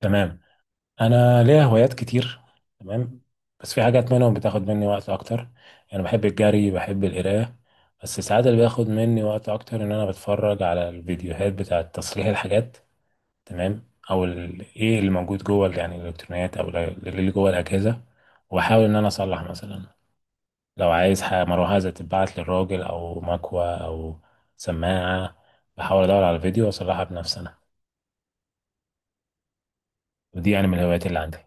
تمام. انا ليا هوايات كتير. تمام، بس في حاجات منهم بتاخد مني وقت اكتر. انا بحب الجري، بحب القرايه، بس ساعات اللي بياخد مني وقت اكتر ان انا بتفرج على الفيديوهات بتاعه تصليح الحاجات. تمام، او ايه اللي موجود جوه يعني الالكترونيات، او اللي جوه الاجهزه، واحاول ان انا اصلح. مثلا لو عايز حاجه مروحه تتبعت للراجل، او مكوه، او سماعه، بحاول ادور على الفيديو واصلحها بنفسي انا. ودي يعني من الهوايات اللي عندي.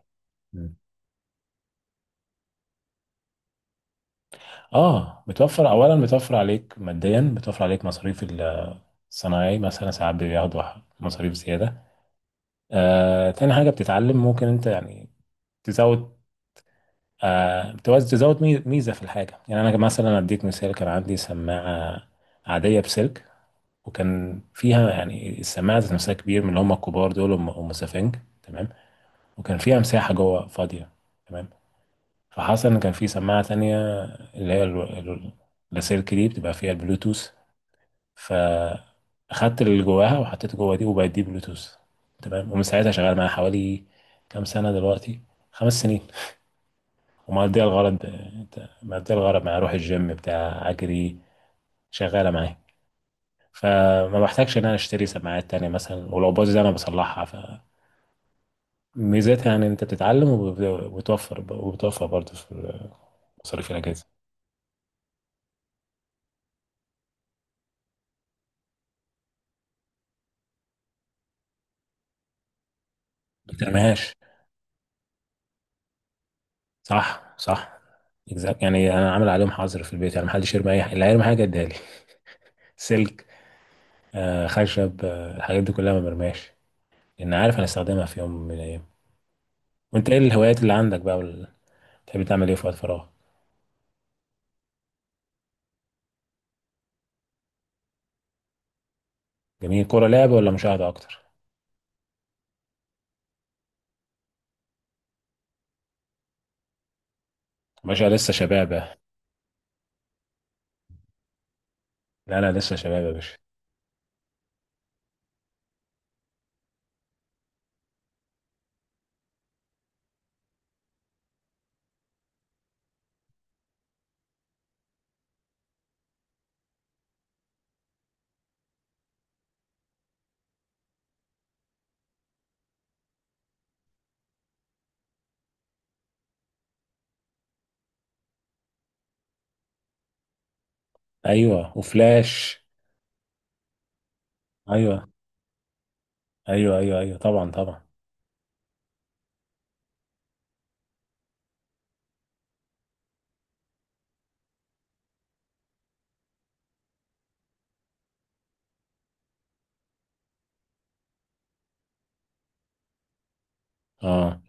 اه، بتوفر، اولا بتوفر عليك ماديا، بتوفر عليك مصاريف. الصناعي مثلا ساعات بياخدوا مصاريف زياده. تاني حاجه بتتعلم، ممكن انت يعني تزود. تزود ميزه في الحاجه. يعني انا مثلا اديك مثال، كان عندي سماعه عاديه بسلك، وكان فيها يعني السماعه ذات نفسها كبير من اللي هم الكبار دول ام أم سفنج. تمام، وكان فيها مساحه جوه فاضيه. تمام، فحصل ان كان في سماعه تانية، اللي هي اللاسلكي دي بتبقى فيها البلوتوث، فاخدت اللي جواها وحطيته جوا دي وبقت دي بلوتوث. تمام، ومن ساعتها شغال معايا حوالي كام سنة دلوقتي، 5 سنين. ومقضية الغرض. مقضية الغرض معايا، اروح الجيم بتاع اجري، شغالة معايا، فما بحتاجش ان انا اشتري سماعات تانية مثلا، ولو باظت انا بصلحها. فميزتها يعني انت بتتعلم وبتوفر، وبتوفر برضه في مصاريف الاجهزة. ما بترميهاش. صح صح. exact. يعني انا عامل عليهم حظر في البيت، يعني محدش يرمي اي حاجة، اللي هيرمي حاجة اديها لي. سلك، خشب، الحاجات دي كلها ما برماش، لان عارف انا استخدمها في يوم من الايام. وانت ايه الهوايات اللي عندك بقى بتحب تعمل ايه في وقت فراغ؟ جميل. كوره لعب ولا مشاهده اكتر؟ باشا لسه شبابه. لا لا، لسه شباب يا باشا. ايوه، وفلاش. ايوه ايوه ايوه ايوه، طبعا طبعا. اه،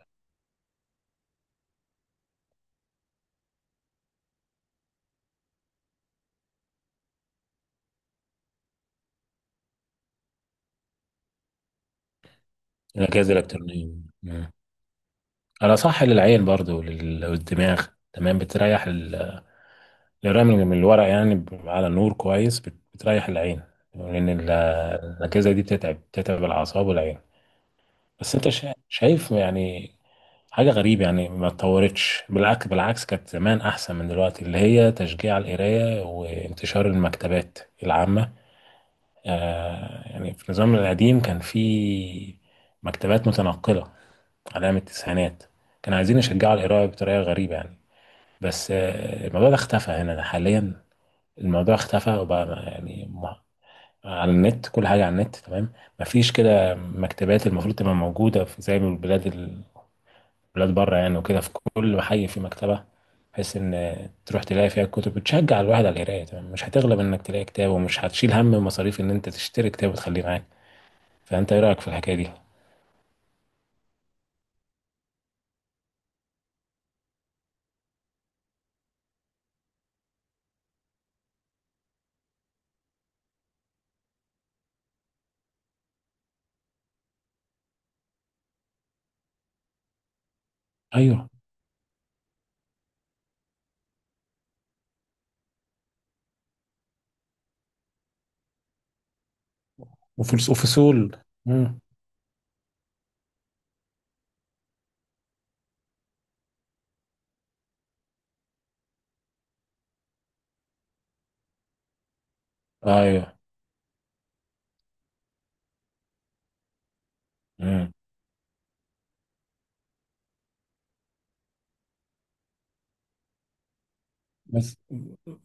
الاجهزه الالكترونيه. مم. انا صح، للعين برضو، للدماغ. تمام، بتريح الرمل من الورق، يعني على النور كويس، بتريح العين، لان الاجهزه دي بتتعب، بتتعب الاعصاب والعين. بس انت شايف يعني حاجة غريبة، يعني ما اتطورتش، بالعكس بالعكس، كانت زمان أحسن من دلوقتي، اللي هي تشجيع القراية وانتشار المكتبات العامة. آه يعني في النظام القديم كان في مكتبات متنقلة على أيام التسعينات، كانوا عايزين يشجعوا القراية بطريقة غريبة يعني. بس آه الموضوع ده اختفى هنا حاليا. الموضوع اختفى، وبقى يعني على النت، كل حاجة على النت. تمام، مفيش كده مكتبات المفروض تبقى موجودة في، زي ما البلاد، بلاد بره يعني، وكده في كل محي في مكتبة، بحيث ان تروح تلاقي فيها الكتب، بتشجع الواحد على القراية. تمام، مش هتغلب انك تلاقي كتاب، ومش هتشيل هم مصاريف ان انت تشتري كتاب وتخليه معاك. فانت ايه رأيك في الحكاية دي؟ ايوه، وفلوس، وفصول. امم. ايوه. امم. بس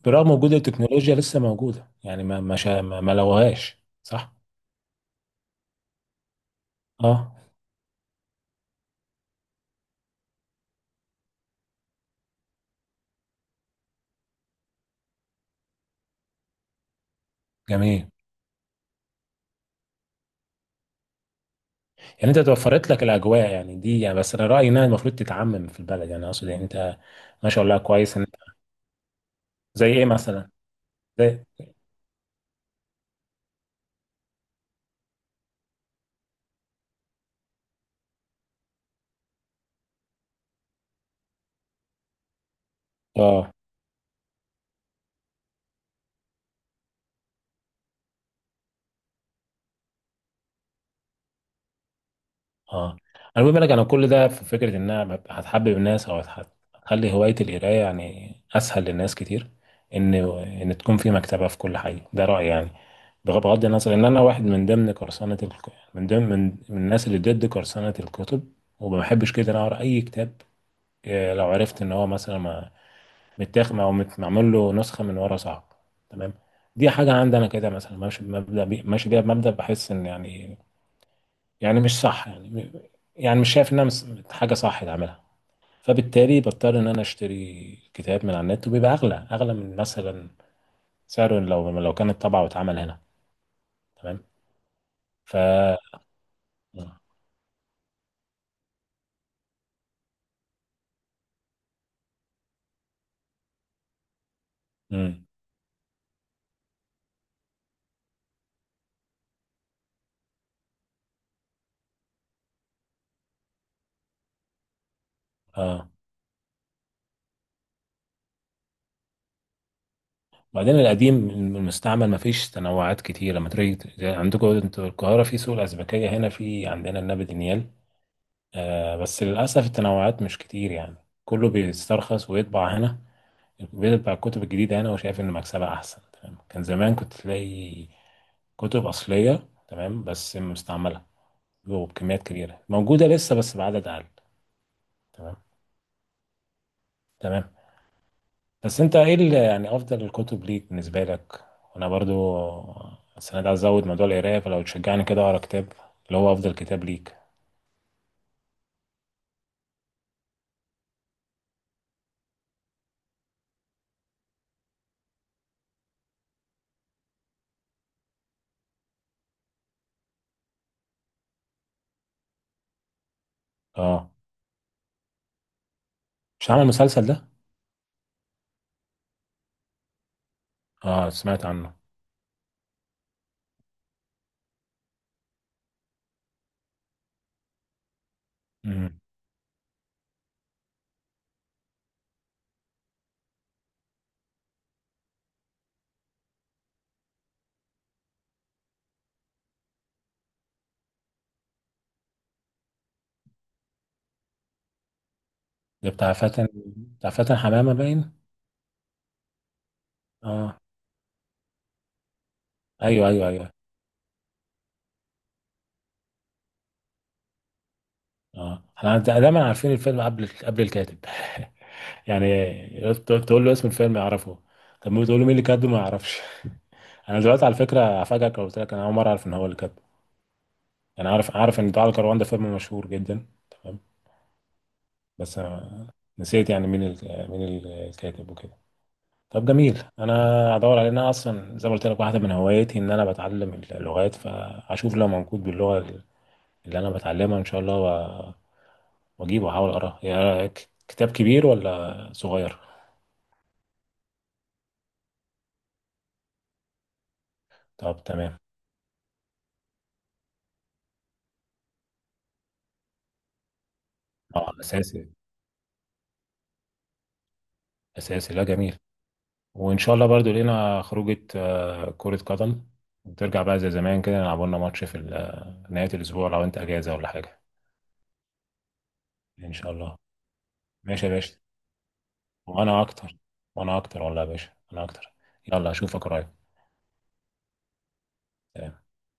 برغم وجود التكنولوجيا لسه موجودة يعني، ما ما شا- ما ما لغوهاش. صح. اه جميل. يعني انت توفرت لك الاجواء يعني، دي يعني بس انا رايي انها المفروض تتعمم في البلد يعني، اقصد يعني انت ما شاء الله كويس ان. زي ايه مثلا؟ زي. اه اه. انا بقول لك، انا كل ده في فكره ان انا ببقى هتحبب الناس، هتخلي هوايه القرايه يعني اسهل للناس كتير، ان ان تكون في مكتبه في كل حي، ده رايي يعني. بغض النظر ان انا واحد من ضمن من ضمن من الناس اللي ضد قرصنه الكتب، وما بحبش كده انا اقرا اي كتاب لو عرفت ان هو مثلا متاخد معمول له نسخه من ورا. صعب. تمام، دي حاجه عندي انا كده، مثلا ماشي ماشي بيها بمبدا، بحس ان يعني، يعني مش صح يعني، يعني مش شايف انها حاجه صح تعملها. فبالتالي بضطر ان انا اشتري كتاب من على النت، وبيبقى اغلى، اغلى من مثلا سعره، لو كانت طبعه واتعمل هنا. تمام. ف امم. اه، وبعدين القديم المستعمل ما فيش تنوعات كتير. لما تيجي عندكم انتوا القاهره في سوق الازبكيه، هنا في عندنا النبي دانيال، آه، بس للاسف التنوعات مش كتير يعني، كله بيسترخص ويطبع هنا الكمبيوتر بتاع الكتب الجديدة. أنا وشايف إن مكسبها أحسن. تمام. كان زمان كنت تلاقي كتب أصلية، تمام، بس مستعملة وبكميات كبيرة، موجودة لسه بس بعدد أقل. تمام. تمام. بس أنت إيه اللي يعني أفضل الكتب ليك بالنسبة لك؟ وأنا برضو السنة دي عايز أزود موضوع القراية، فلو تشجعني كده أقرأ كتاب، اللي هو أفضل كتاب ليك. أه. مش هعمل مسلسل ده؟ أه سمعت عنه. مم. ده بتاع فاتن؟ بتاع فاتن حمامة باين؟ أه. أيوه أيوه أيوه. اه، احنا دايما عارفين الفيلم قبل الكاتب. يعني تقول له اسم الفيلم يعرفه، طب ما تقول له مين اللي كاتبه ما يعرفش. انا دلوقتي على فكره هفاجئك لو قلت لك انا اول مره اعرف ان هو اللي كاتبه. انا عارف، عارف ان دعاء الكروان ده فيلم مشهور جدا. تمام. بس أنا نسيت يعني مين الكاتب وكده. طب جميل. انا هدور عليه. انا اصلا زي ما قلت لك، واحده من هواياتي ان انا بتعلم اللغات، فاشوف لو موجود باللغه اللي انا بتعلمها ان شاء الله، واجيبه احاول اقراه. يا كتاب كبير ولا صغير؟ طب تمام. اه اساسي. اساسي. لا جميل. وان شاء الله برضو لينا خروجه كره قدم، وترجع بقى زي زمان كده، نلعب لنا ماتش في نهايه الاسبوع لو انت اجازه ولا حاجه. ان شاء الله. ماشي يا باشا. وانا اكتر. وانا اكتر والله يا باشا، انا اكتر. يلا اشوفك قريب.